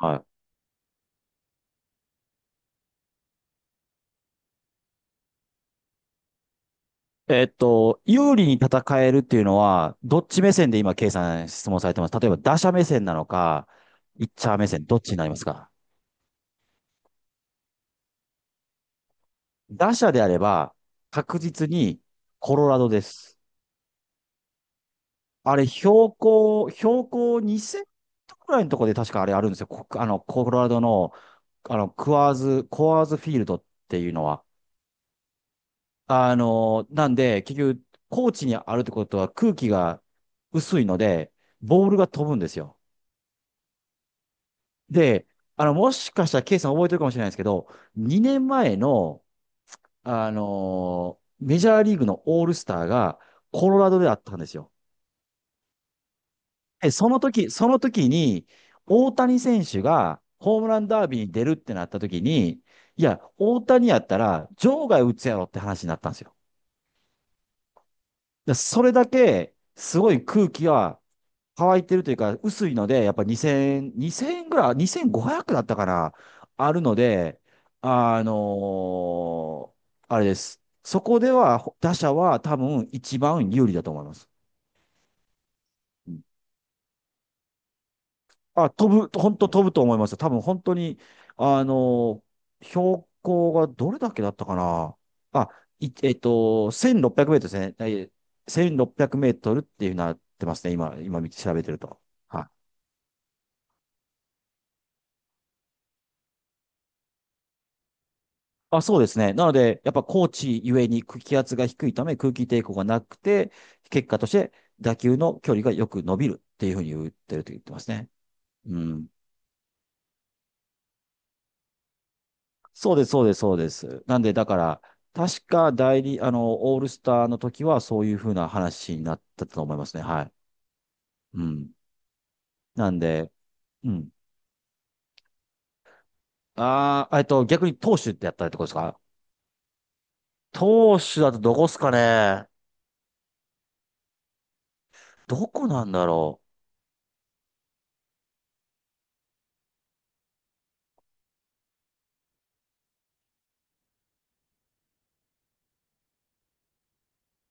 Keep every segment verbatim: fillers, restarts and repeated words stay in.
はい。えっと、有利に戦えるっていうのは、どっち目線で今、ケイさん質問されてます？例えば、打者目線なのか、ピッチャー目線、どっちになりますか？打者であれば、確実にコロラドです。あれ、標高、標高にせんくらいのところで確かあれあるんですよ。こあの、コロラドの、あの、クワーズ、コアーズフィールドっていうのは。あの、なんで、結局、高地にあるってことは空気が薄いので、ボールが飛ぶんですよ。で、あの、もしかしたらケイさん覚えてるかもしれないですけど、にねんまえの、あのーメジャーリーグのオールスターがコロラドであったんですよ。で、その時、その時に、大谷選手がホームランダービーに出るってなった時に、いや、大谷やったら場外打つやろって話になったんですよ。でそれだけ、すごい空気は乾いてるというか、薄いので、やっぱにせん、にせんえんぐらい、にせんごひゃくだったかな、あるので、あのーあれです。そこでは、打者は多分一番有利だと思います。うん。あ、飛ぶ、本当飛ぶと思います。多分本当に、あのー標高がどれだけだったかな。あ、いえっと、せんろっぴゃくメートルですね。えーせんろっぴゃくメートルっていうなってますね。今、今見て調べてると。はい。あ、そうですね。なので、やっぱ高地ゆえに空気圧が低いため空気抵抗がなくて、結果として打球の距離がよく伸びるっていうふうに言ってると言ってますね。うん。そうです、そうです、そうです。なんで、だから、確か代理、あの、オールスターの時はそういうふうな話になったと思いますね。はい。うん。なんで、うん。ああ、えっと、逆に投手ってやったりってことですか？投手だとどこっすかね？どこなんだろ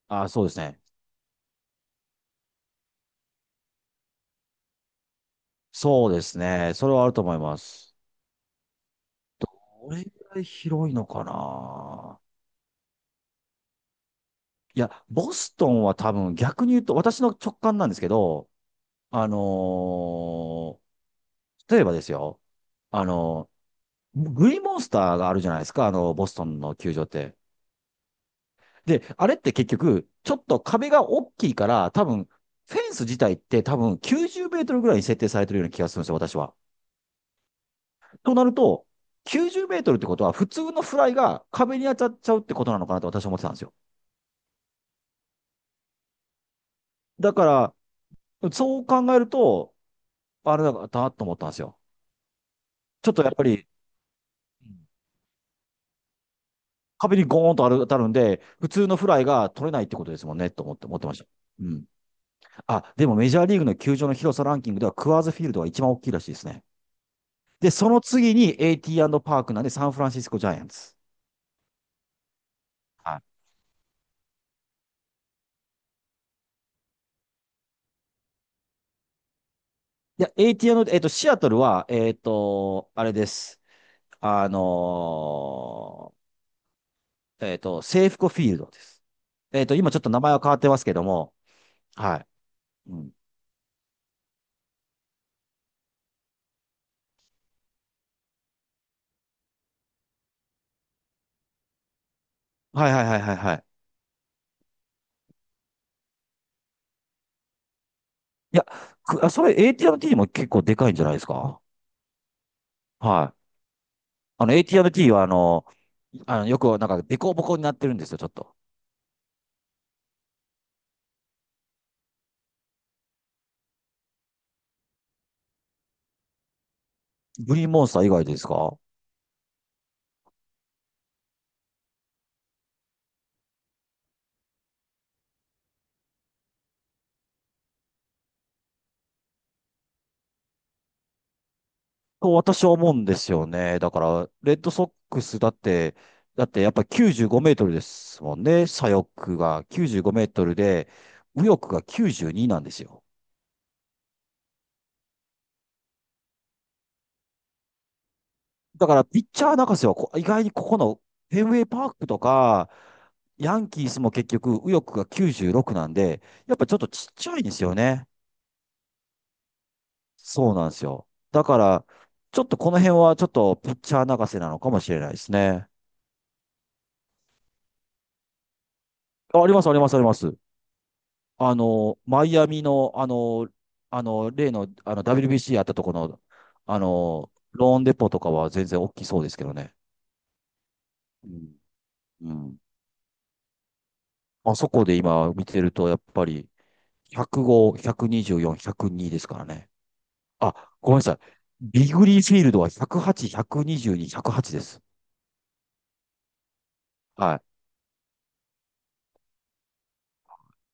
う。ああ、そうですね。そうですね。それはあると思います。これぐらい広いのかな。いや、ボストンは多分逆に言うと、私の直感なんですけど、あのー例えばですよ、あのーグリーンモンスターがあるじゃないですか、あの、ボストンの球場って。で、あれって結局、ちょっと壁が大きいから、多分、フェンス自体って多分きゅうじゅうメートルぐらいに設定されてるような気がするんですよ、私は。となると、きゅうじゅうメートルってことは、普通のフライが壁に当たっちゃうってことなのかなと私は思ってたんですよ。だから、そう考えると、あれだなと思ったんですよ。ちょっとやっぱり、うん壁にゴーンと当たるんで、普通のフライが取れないってことですもんね、と思って、思ってました。うん。あ、でもメジャーリーグの球場の広さランキングでは、クアーズフィールドが一番大きいらしいですね。で、その次に エーティー& パークなんで、サンフランシスコジャイアンツ。はい。いや、エーティー&、えっと、シアトルは、えっと、あれです。あのーえっと、制服フコフィールドです。えっと、今ちょっと名前は変わってますけども、はい。うん。はいはいはいはいはい。いや、くあ、それ エーティーアンドティー も結構でかいんじゃないですか？はい。あの エーティーアンドティー はあの、あの、よくなんかデコボコになってるんですよ、ちょっと。グリーンモンスター以外ですか？と私は思うんですよね。だから、レッドソックスだって、だってやっぱきゅうじゅうごメートルですもんね。左翼がきゅうじゅうごメートルで、右翼がきゅうじゅうになんですよ。だから、ピッチャー泣かせはこ意外にここのフェンウェイパークとか、ヤンキースも結局、右翼がきゅうじゅうろくなんで、やっぱちょっとちっちゃいんですよね。そうなんですよ。だから、ちょっとこの辺はちょっとピッチャー泣かせなのかもしれないですね。あ、あります、あります、あります。あの、マイアミの、あの、あの、例の、あの、ダブリュービーシー あったところの、あの、ローンデポとかは全然大きそうですけどね。うん。うん。あそこで今見てると、やっぱり、ひゃくご、ひゃくにじゅうよん、ひゃくにですからね。あ、ごめんなさい。ビグリーフィールドはひゃくはち、ひゃくにじゅうに、ひゃくはちです。はい。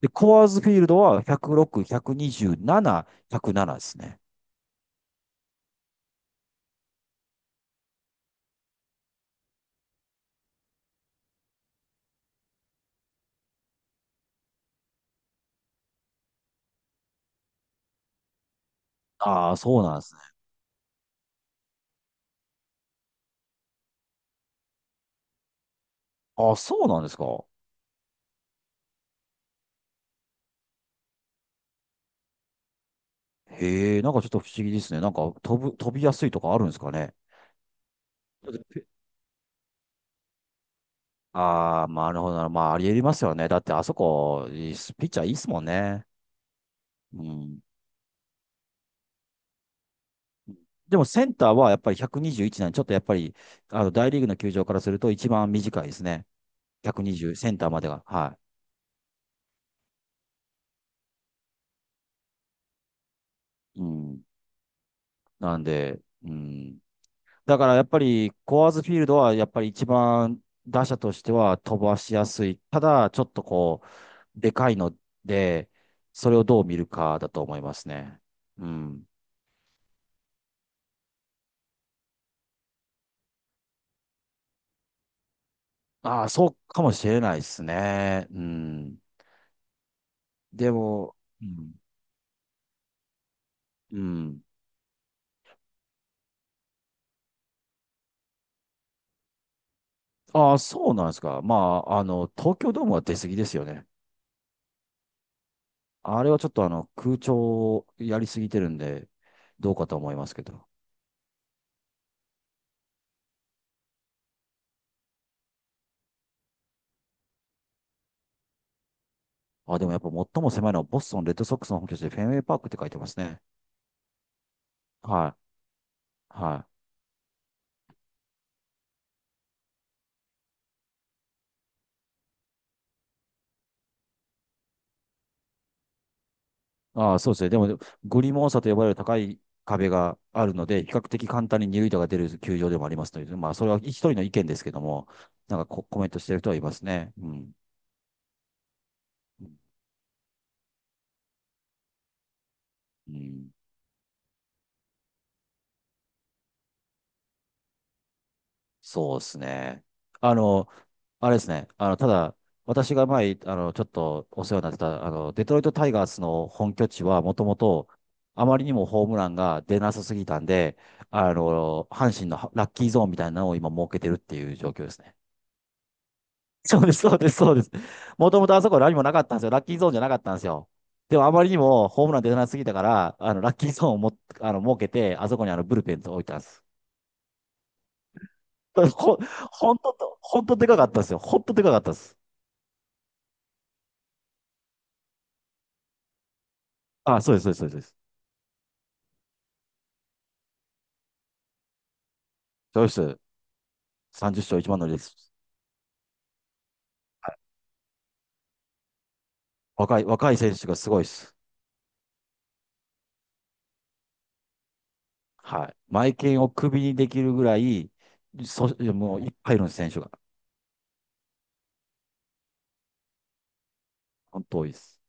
で、コアーズフィールドはひゃくろく、ひゃくにじゅうなな、ひゃくななですね。ああ、そうなんですね。ああ、そうなんですか。へえ、なんかちょっと不思議ですね。なんか飛ぶ、飛びやすいとかあるんですかね？ああー、まあなるほどな。まあ、ありえますよね。だって、あそこ、ピッチャーいいっすもんね。うん。でもセンターはやっぱりひゃくにじゅういちなんで、ちょっとやっぱり、あの、大リーグの球場からすると一番短いですね。ひゃくにじゅう、センターまでが。はい。うん。なんで、うん。だからやっぱり、コアーズフィールドはやっぱり一番打者としては飛ばしやすい。ただ、ちょっとこう、でかいので、それをどう見るかだと思いますね。うん。ああ、そうかもしれないですね。うん。でも、うん。うん。ああ、そうなんですか。まあ、あの、東京ドームは出過ぎですよね。あれはちょっとあの、空調をやりすぎてるんで、どうかと思いますけど。あ、でもやっぱ最も狭いのはボストンレッドソックスの本拠地でフェンウェイパークって書いてますね。はい。はい。ああ、そうですね。でも、グリモン差と呼ばれる高い壁があるので、比較的簡単に二塁打が出る球場でもありますので、まあ、それは一人の意見ですけども、なんかこコメントしてる人はいますね。うん。うん。そうですね。あの、あれですね。あの、ただ、私が前、あの、ちょっとお世話になってた、あの、デトロイトタイガースの本拠地は、もともと、あまりにもホームランが出なさすぎたんで、あの、阪神のラッキーゾーンみたいなのを今設けてるっていう状況ですね。そうです、そうです、そうです。もともとあそこ何もなかったんですよ。ラッキーゾーンじゃなかったんですよ。でもあまりにもホームラン出なすぎたから、あの、ラッキーゾーンをも、あの、設けて、あそこにあの、ブルペンと置いたんです。ほんほんと、ほんとでかかったですよ。ほんとでかかったです。あ、そうです、そうです、そうです。そうです。さんじゅっしょう勝一番乗りです。若い、若い選手がすごいです。はい。マイケンをクビにできるぐらい、そ、もういっぱいいるんです、選手が。本当多いです。